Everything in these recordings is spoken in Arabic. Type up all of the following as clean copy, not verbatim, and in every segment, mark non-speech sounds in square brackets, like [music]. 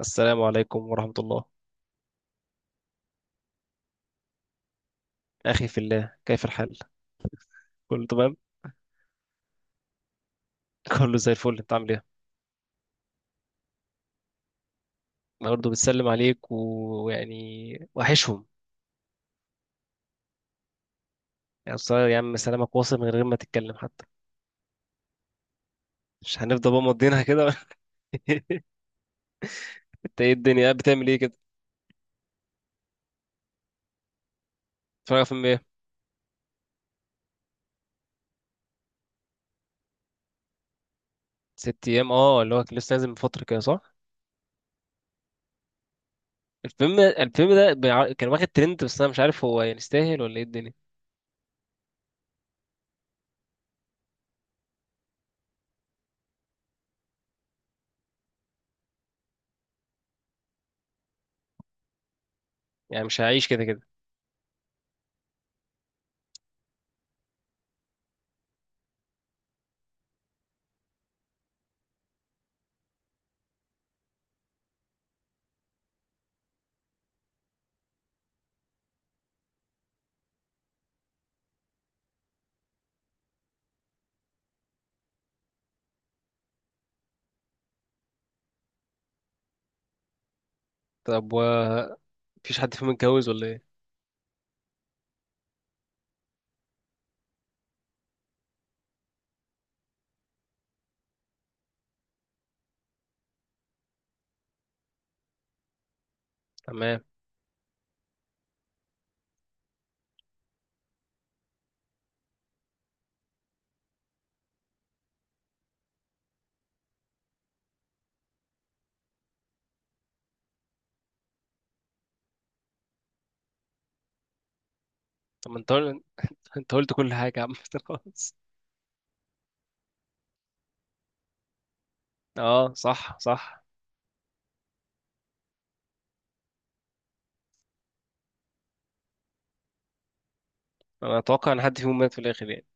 السلام عليكم ورحمة الله. أخي في الله، كيف الحال؟ كله تمام؟ [laughs] كله زي الفل، أنت عامل إيه؟ أنا برضه بتسلم عليك و- ويعني وحشهم. يعني بصراحة يا عم سلامك واصل من غير ما تتكلم حتى. مش هنفضل بقى مضينها كده. [laughs] أنت إيه الدنيا، قاعد بتعمل إيه كده؟ بتتفرج على فيلم إيه؟ ست أيام، أه اللي هو كان لسه نازل من فترة كده، صح؟ الفيلم ده كان واخد ترند، بس أنا مش عارف هو يستاهل ولا إيه الدنيا؟ مش هعيش كده كده. طب مفيش حد فيهم متجوز ولا إيه؟ تمام. طب ما أنت قلت، أنت قلت كل حاجة يا عم. [laughs] خلاص. اه صح صح. انا اتوقع ان حد فيهم مات في الاخر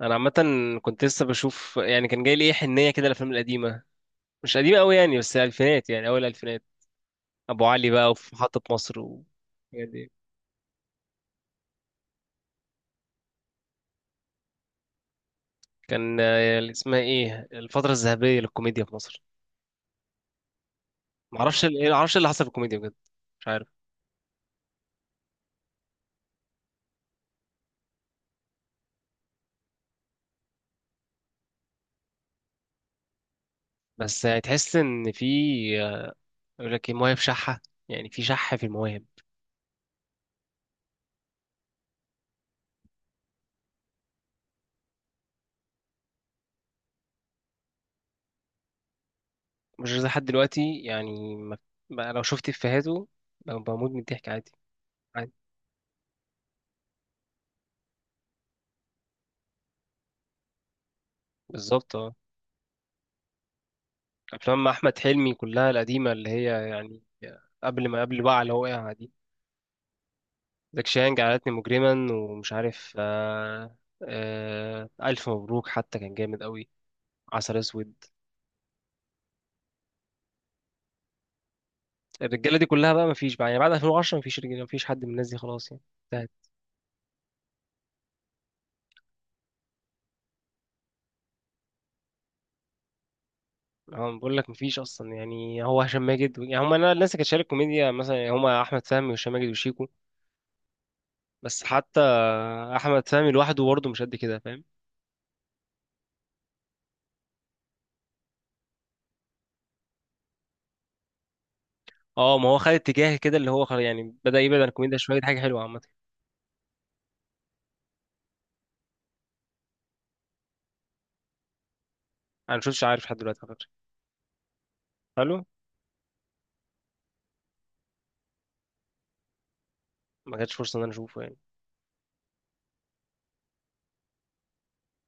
انا عامه كنت لسه بشوف. كان جاي لي ايه حنيه كده، الافلام القديمه. مش قديمه قوي بس الالفينات، اول الالفينات. ابو علي بقى، وفي محطه مصر والحاجات دي. كان اللي اسمها ايه، الفتره الذهبيه للكوميديا في مصر. معرفش معرفش اللي حصل في الكوميديا بجد. مش عارف. بس هتحس ان في آه، يقول لك ايه، مواهب شحه. في شحه في المواهب. مش زي حد دلوقتي، يعني ما... بقى لو شفت افيهاته بموت من الضحك عادي. عادي، بالظبط اه. افلام احمد حلمي كلها القديمه، اللي هي يعني قبل ما قبل بقى اللي هو وقع دي. زكي شان جعلتني مجرما، ومش عارف آه، الف مبروك حتى كان جامد قوي. عسل اسود. الرجاله دي كلها بقى مفيش بقى، بعد 2010 مفيش رجاله، مفيش حد من الناس دي خلاص يعني. انتهت. هو بقول لك مفيش اصلا، هو هشام ماجد، يعني هم الناس اللي كانت شايله الكوميديا مثلا، يعني هم احمد فهمي وهشام ماجد وشيكو. بس حتى احمد فهمي لوحده برضه مش قد كده، فاهم؟ اه ما هو خد اتجاه كده اللي هو خلاص، يعني بدأ يبعد عن الكوميديا شويه، دي حاجه حلوه عامه. انا مشفتش عارف لحد دلوقتي على فكره. حلو. ما كانتش فرصه ان انا اشوفه يعني.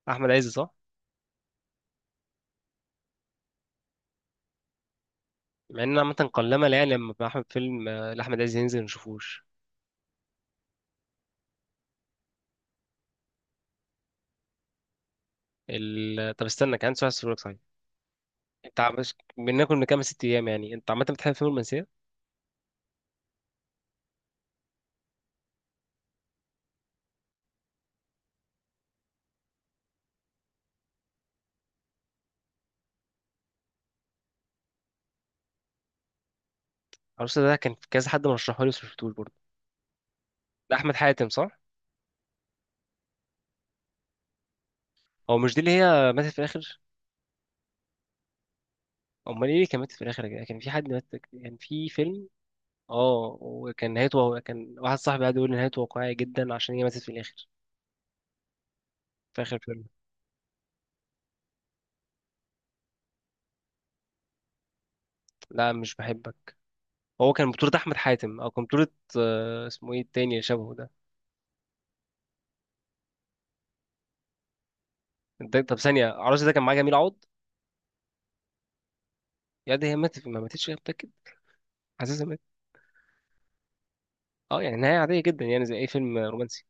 احمد عز، صح؟ مع ان عامه قلما، لا يعني لما احمد فيلم لاحمد عز ينزل ما نشوفوش. ال... آه، طب استنى، كان عندي سؤال اسالك صحيح. بناكل من كام ست ايام، يعني انت عامه بتحب فيلم المنسيه؟ عروسه ده كان كذا حد مرشحه لي بس ما شفتوش برضه. ده احمد حاتم صح؟ هو مش دي اللي هي ماتت في الاخر؟ امال ايه اللي كان ماتت في الاخر يا جدع؟ كان في حد مات، كان في فيلم. اه، وكان نهايته، هو كان واحد صاحبي قاعد يقول لي نهايته واقعيه جدا عشان هي ماتت في الاخر. في اخر فيلم. لا مش بحبك. هو كان بطولة أحمد حاتم، أو كان بطولة اسمه إيه التاني اللي شبهه ده. طب ثانية، عروس ده كان معاه جميل عوض. يا دي هي ماتت ما ماتتش هي، متأكد؟ حاسسها ماتت. أه يعني نهاية عادية جدا، يعني زي أي فيلم رومانسي.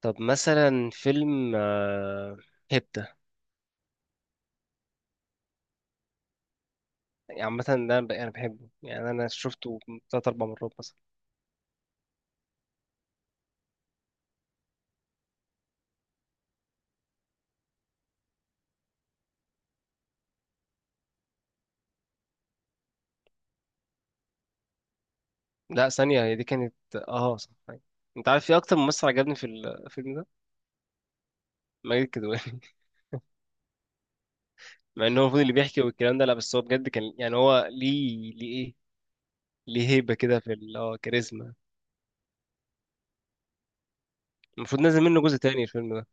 طب مثلا فيلم هيبتا. يعني عامة ده أنا أنا بحبه، يعني أنا شفته تلات أربع مرات مثلا. لا ثانية، هي دي كانت أه صح أيوة. أنت عارف في أكتر ممثل عجبني في الفيلم ده؟ ماجد الكدواني. [laughs] مع إن هو المفروض اللي بيحكي والكلام ده، لا بس هو بجد كان، يعني هو ليه، ليه إيه، ليه هيبة كده في اه كاريزما. المفروض نازل منه جزء تاني الفيلم ده،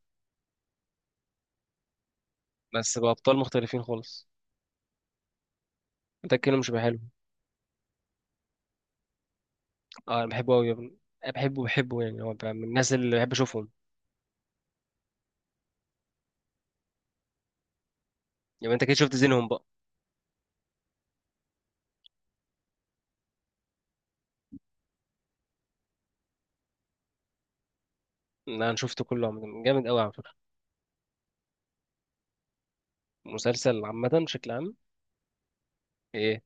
بس بأبطال مختلفين خالص. ده الكلام مش بيبقى حلو. اه انا بحبه قوي يا ابني. أنا بحبه يعني هو بقى من الناس اللي بحب اشوفهم. يبقى انت كده شفت زينهم بقى. لا، انا شفته كله عامة، جامد قوي على فكرة. مسلسل عامة بشكل عام؟ ايه.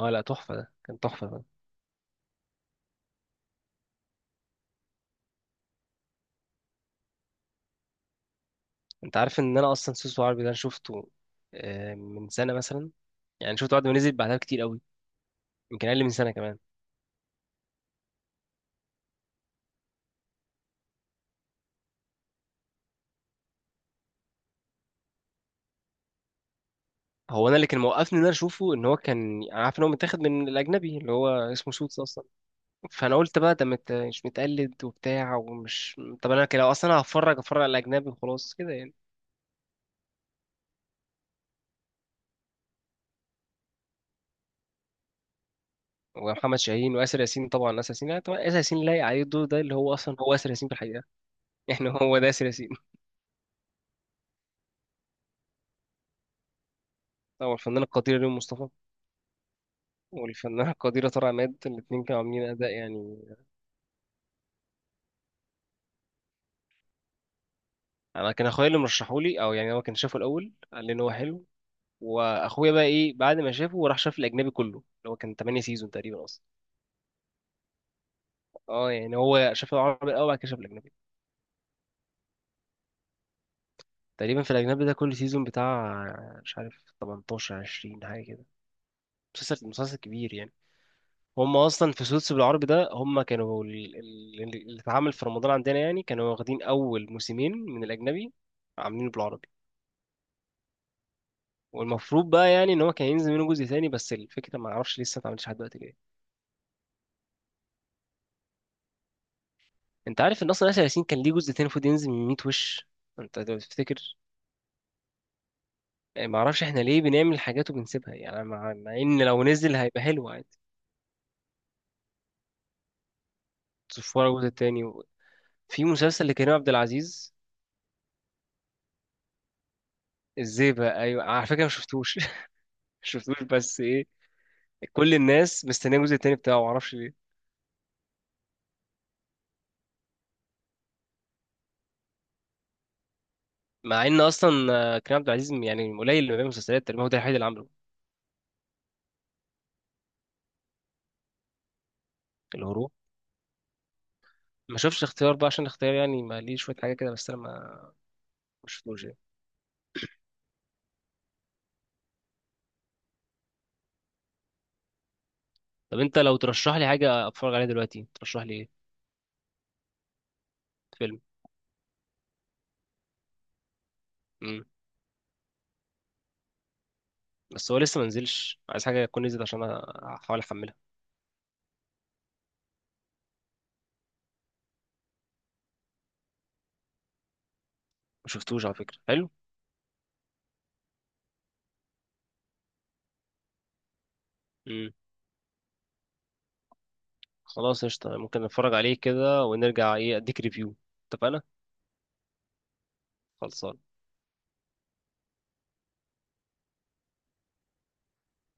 اه لا تحفة، ده كان تحفة ده. انت عارف ان انا اصلا سوسو عربي ده أنا شفته من سنة مثلا. يعني شفته بعد ما نزل بعدها كتير قوي. يمكن اقل من سنة كمان. هو انا اللي كان موقفني ان انا اشوفه، ان هو كان أنا عارف ان هو متاخد من الاجنبي اللي هو اسمه سوتس اصلا. فانا قلت بقى ده مش متقلد وبتاع، ومش، طب انا كده لو اصلا هتفرج اتفرج على الاجنبي وخلاص كده يعني. ومحمد شاهين واسر ياسين، طبعا اسر ياسين، يعني طبعا اسر ياسين لايق عليه الدور ده، اللي هو اصلا هو اسر ياسين في الحقيقه. [laughs] يعني هو ده اسر ياسين. طبعا الفنانه القديره ريم مصطفى، والفنانه القديره طارق عماد، الاثنين كانوا عاملين اداء يعني. انا كان اخويا اللي مرشحولي، او يعني هو كان شافه الاول قال لي ان هو حلو. واخويا بقى ايه، بعد ما شافه راح شاف الاجنبي كله، اللي هو كان 8 سيزون تقريبا اصلا. اه يعني هو شاف العربي الاول بعد كده شاف الاجنبي. تقريبا في الأجنبي ده كل سيزون بتاع، مش عارف 18 20 حاجة كده. مسلسل كبير يعني. هم أصلا في سوتس بالعربي ده، هم كانوا اللي اتعمل في رمضان عندنا، يعني كانوا واخدين أول موسمين من الأجنبي عاملينه بالعربي. والمفروض بقى يعني ان هو كان ينزل منه جزء تاني، بس الفكره ما اعرفش لسه ما اتعملش لحد دلوقتي ليه. انت عارف ان اصلا ياسر ياسين كان ليه جزء تاني المفروض ينزل من 100 وش؟ انت لو تفتكر. يعني. ما اعرفش احنا ليه بنعمل حاجات وبنسيبها، يعني مع ان لو نزل هيبقى حلو عادي. تصفوا الجزء التاني، في مسلسل لكريم عبد العزيز. الزيبة أيوة على فكرة، ما شفتوش. [laughs] ما شفتوش بس إيه. كل الناس مستنية الجزء التاني بتاعه معرفش ليه. مع إن أصلا كريم عبد العزيز يعني قليل اللي بيعمل مسلسلات، تقريبا هو ده الوحيد اللي عامله. الهروب. ما شفتش اختيار بقى، عشان اختيار يعني ما ليه شوية حاجة كده، بس أنا ما شفتوش يعني. طب أنت لو ترشح لي حاجة أتفرج عليها دلوقتي ترشح لي إيه؟ فيلم. امم، بس هو لسه ما نزلش، عايز حاجة تكون نزلت عشان أحاول أحملها. ما شفتوش على فكرة، حلو. امم، خلاص قشطة ممكن نتفرج عليه كده ونرجع إيه أديك ريفيو. اتفقنا. خلصان.